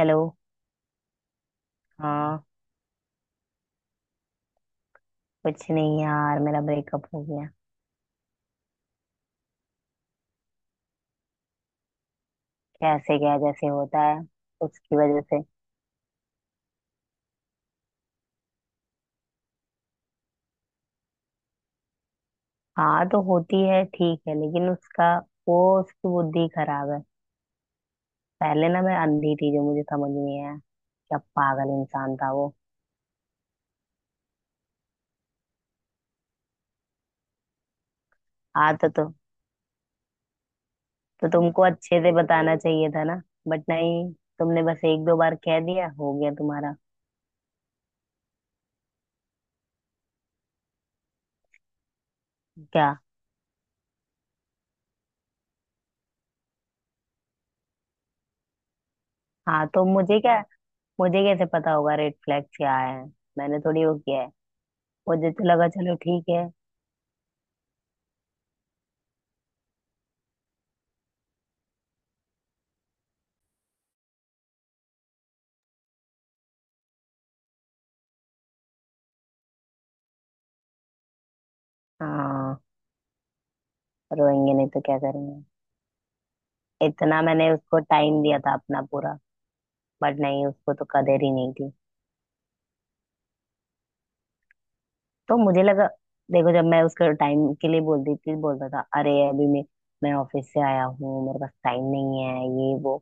Hello. हाँ कुछ नहीं यार, मेरा ब्रेकअप हो गया। कैसे क्या, जैसे होता है। उसकी वजह से। हाँ तो होती है ठीक है, लेकिन उसका वो उसकी बुद्धि खराब है। पहले ना मैं अंधी थी, जो मुझे समझ नहीं आया क्या पागल इंसान था वो। हाँ तो तुमको अच्छे से बताना चाहिए था ना। बट नहीं, तुमने बस एक दो बार कह दिया हो गया तुम्हारा। क्या। हाँ तो मुझे क्या, मुझे कैसे पता होगा रेड फ्लैग क्या है। मैंने थोड़ी वो किया है। मुझे तो लगा चलो ठीक है। हाँ। रोएंगे नहीं तो क्या करेंगे। इतना मैंने उसको टाइम दिया था अपना पूरा। बट नहीं, उसको तो कदर ही नहीं थी। तो मुझे लगा। देखो, जब मैं उसके टाइम के लिए बोलती थी बोलता था अरे अभी मैं ऑफिस से आया हूँ, मेरे पास टाइम नहीं है ये वो।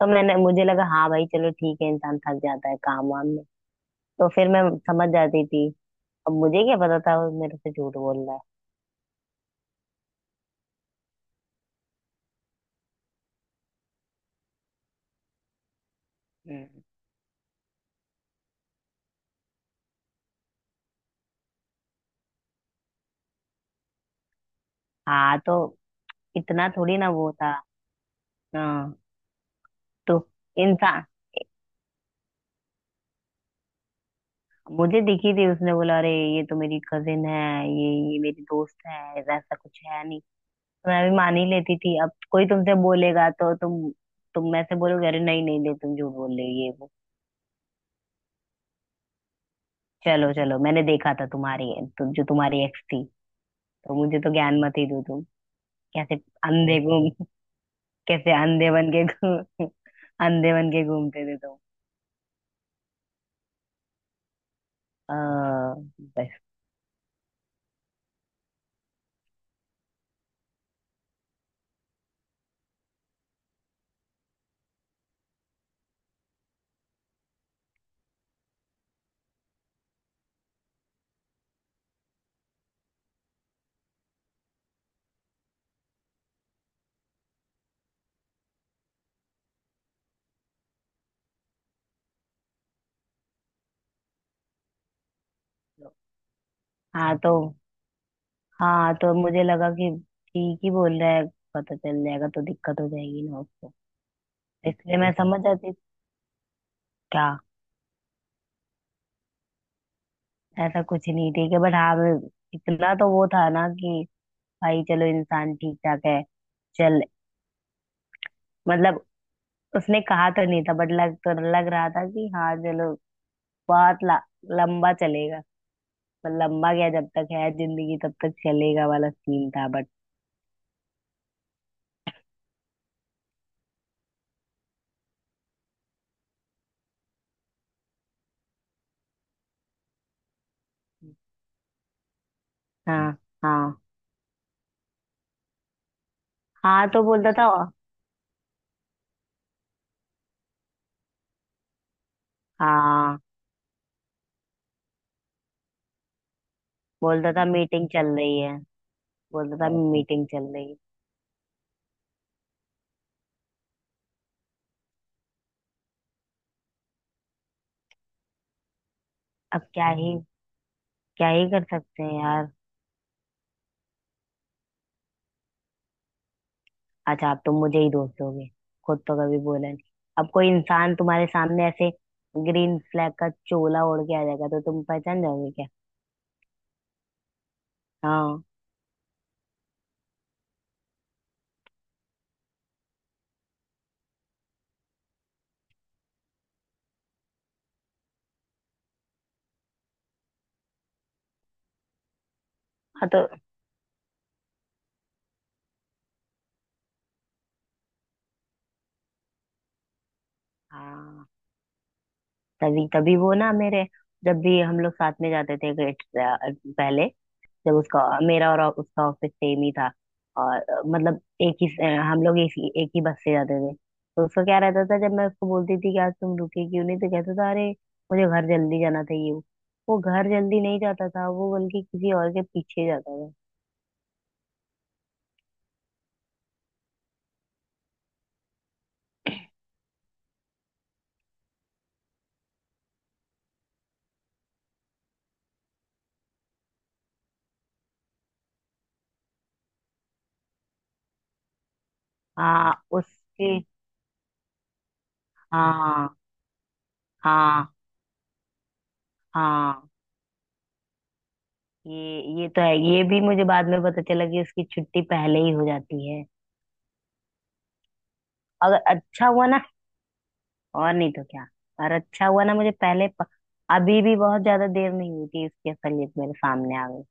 तो मैंने मुझे लगा हाँ भाई चलो ठीक है, इंसान थक जाता है काम वाम में। तो फिर मैं समझ जाती थी। अब मुझे क्या पता था वो मेरे से झूठ बोल रहा है। हाँ तो इतना थोड़ी ना वो था। हाँ तो इंसान। मुझे दिखी थी, उसने बोला अरे ये तो मेरी कजिन है, ये मेरी दोस्त है, ऐसा कुछ है नहीं। तो मैं भी मान ही लेती थी। अब कोई तुमसे बोलेगा तो तुम मैं से बोलोगे अरे नहीं नहीं नहीं तुम झूठ बोल रहे हो ये वो। चलो चलो, मैंने देखा था तुम्हारी। तुम जो तुम्हारी एक्स थी, तो मुझे तो ज्ञान मत ही दो तुम। कैसे अंधे घूम कैसे अंधे बन के घूम अंधे बन के घूमते थे तुम। आ, बस। तो- हाँ तो हाँ तो मुझे लगा कि ठीक ही बोल रहा है, पता चल जाएगा तो दिक्कत हो जाएगी ना। इसलिए मैं समझ जाती। क्या। ऐसा कुछ नहीं ठीक है, बट हाँ इतना तो वो था ना कि भाई चलो इंसान ठीक ठाक है। चल, मतलब उसने कहा तो नहीं था, बट लग तो लग रहा था कि हाँ चलो बहुत लंबा चलेगा। मतलब लंबा क्या, जब तक है जिंदगी तब तक चलेगा वाला सीन था बट। हाँ हाँ। हाँ तो बोलता था। हाँ। बोलता था मीटिंग चल रही है। बोलता था मीटिंग चल रही है। अब क्या ही कर सकते हैं यार। अच्छा, आप तो मुझे ही दोष दोगे, खुद तो कभी बोला नहीं। अब कोई इंसान तुम्हारे सामने ऐसे ग्रीन फ्लैग का चोला ओढ़ के आ जाएगा तो तुम पहचान जाओगे क्या। हाँ। हाँ तो। हाँ तभी तभी वो ना मेरे जब भी हम लोग साथ में जाते थे ग्रेड। पहले जब उसका मेरा और उसका ऑफिस सेम ही था, और मतलब एक ही हम लोग एक ही बस से जाते थे, तो उसका क्या रहता था, जब मैं उसको बोलती थी कि आज तुम रुके क्यों नहीं तो कहता था अरे मुझे घर जल्दी जाना था ये वो। वो घर जल्दी नहीं जाता था, वो बल्कि किसी और के पीछे जाता था। हाँ उसके हाँ हाँ हाँ। ये तो है, ये भी मुझे बाद में पता चला कि उसकी छुट्टी पहले ही हो जाती है। अगर अच्छा हुआ ना। और नहीं तो क्या। और अच्छा हुआ ना, मुझे पहले अभी भी बहुत ज्यादा देर नहीं हुई थी, उसकी असलियत मेरे सामने आ गई।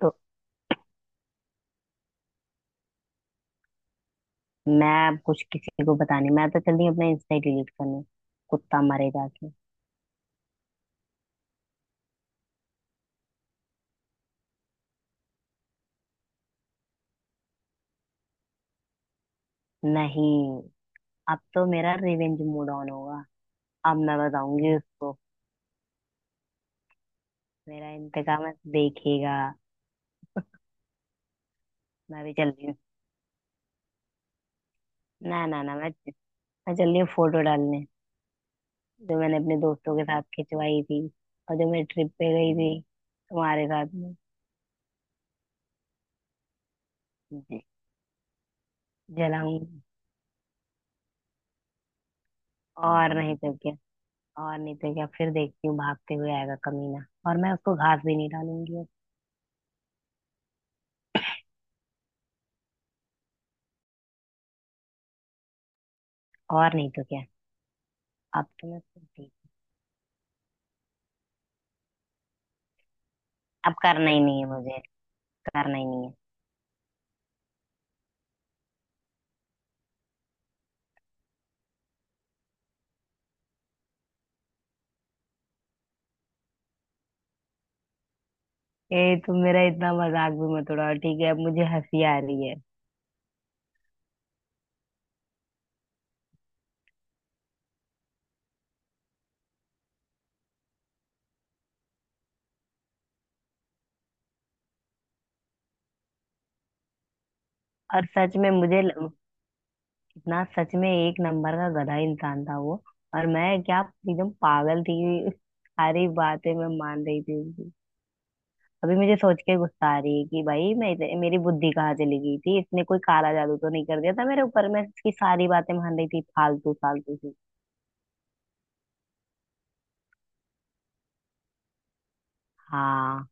तो मैं अब कुछ किसी को बतानी, मैं तो चल रही हूँ अपना इंस्टा डिलीट करने। कुत्ता मरे जाके। नहीं, अब तो मेरा रिवेंज मूड ऑन होगा। अब मैं बताऊंगी उसको। मेरा इंतकाम है। देखेगा। मैं भी चल रही हूँ। ना ना ना, मैं चल रही हूँ फोटो डालने, जो मैंने अपने दोस्तों के साथ खिंचवाई थी, और जो मैं ट्रिप पे गई थी तुम्हारे साथ में। जलाऊंगी। और नहीं तो क्या। और नहीं तो क्या, फिर देखती हूँ भागते हुए आएगा कमीना। और मैं उसको घास भी नहीं डालूंगी अब। और नहीं तो क्या। अब तो मैं उसको देख। अब करना ही नहीं है मुझे। करना ही नहीं है। ए, तुम मेरा इतना मजाक भी मत उड़ाओ ठीक है, अब मुझे हंसी आ रही है। और सच में मुझे ल-। इतना सच में एक नंबर का गधा इंसान था वो। और मैं क्या, एकदम पागल थी सारी बातें मैं मान रही थी उसकी। अभी मुझे सोच के गुस्सा आ रही है कि भाई मेरी बुद्धि कहाँ चली गई थी, इसने कोई काला जादू तो नहीं कर दिया था मेरे ऊपर, मैं इसकी सारी बातें मान रही थी फालतू फालतू सी। हाँ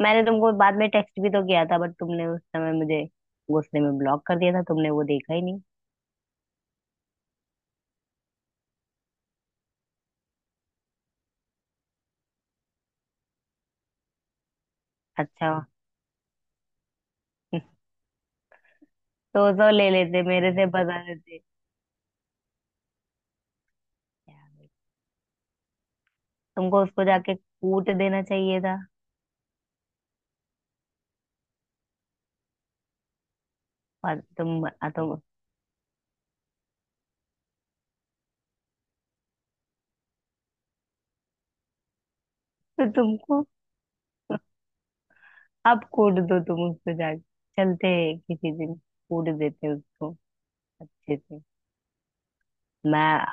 मैंने तुमको बाद में टेक्स्ट भी तो किया था, बट तुमने उस समय मुझे गुस्से में ब्लॉक कर दिया था, तुमने वो देखा ही नहीं। अच्छा तो ले लेते, मेरे से बता देते। तुमको उसको जाके कूट देना चाहिए था। और तुम तो तुमको अब कूट दो तुम उसको जाके, चलते हैं किसी दिन कूट देते हैं उसको अच्छे से। मैं,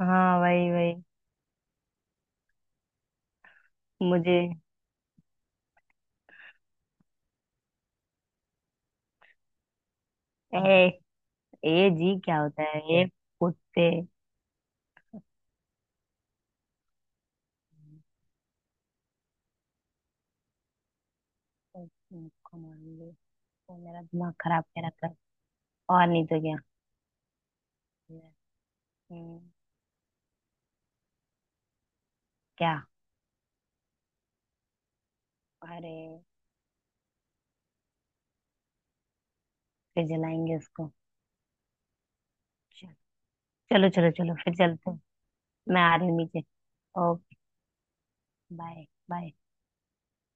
हाँ वही वही, मुझे ए, ए जी क्या होता है ए कुत्ते कमांडो। वो मेरा दिमाग खराब कह रखा है। और नहीं तो क्या। हम्म, क्या। अरे फिर जलाएंगे उसको। चल- चलो चलो चलो, फिर चलते हैं। मैं आ रही हूँ नीचे। ओके। बाय। बाय।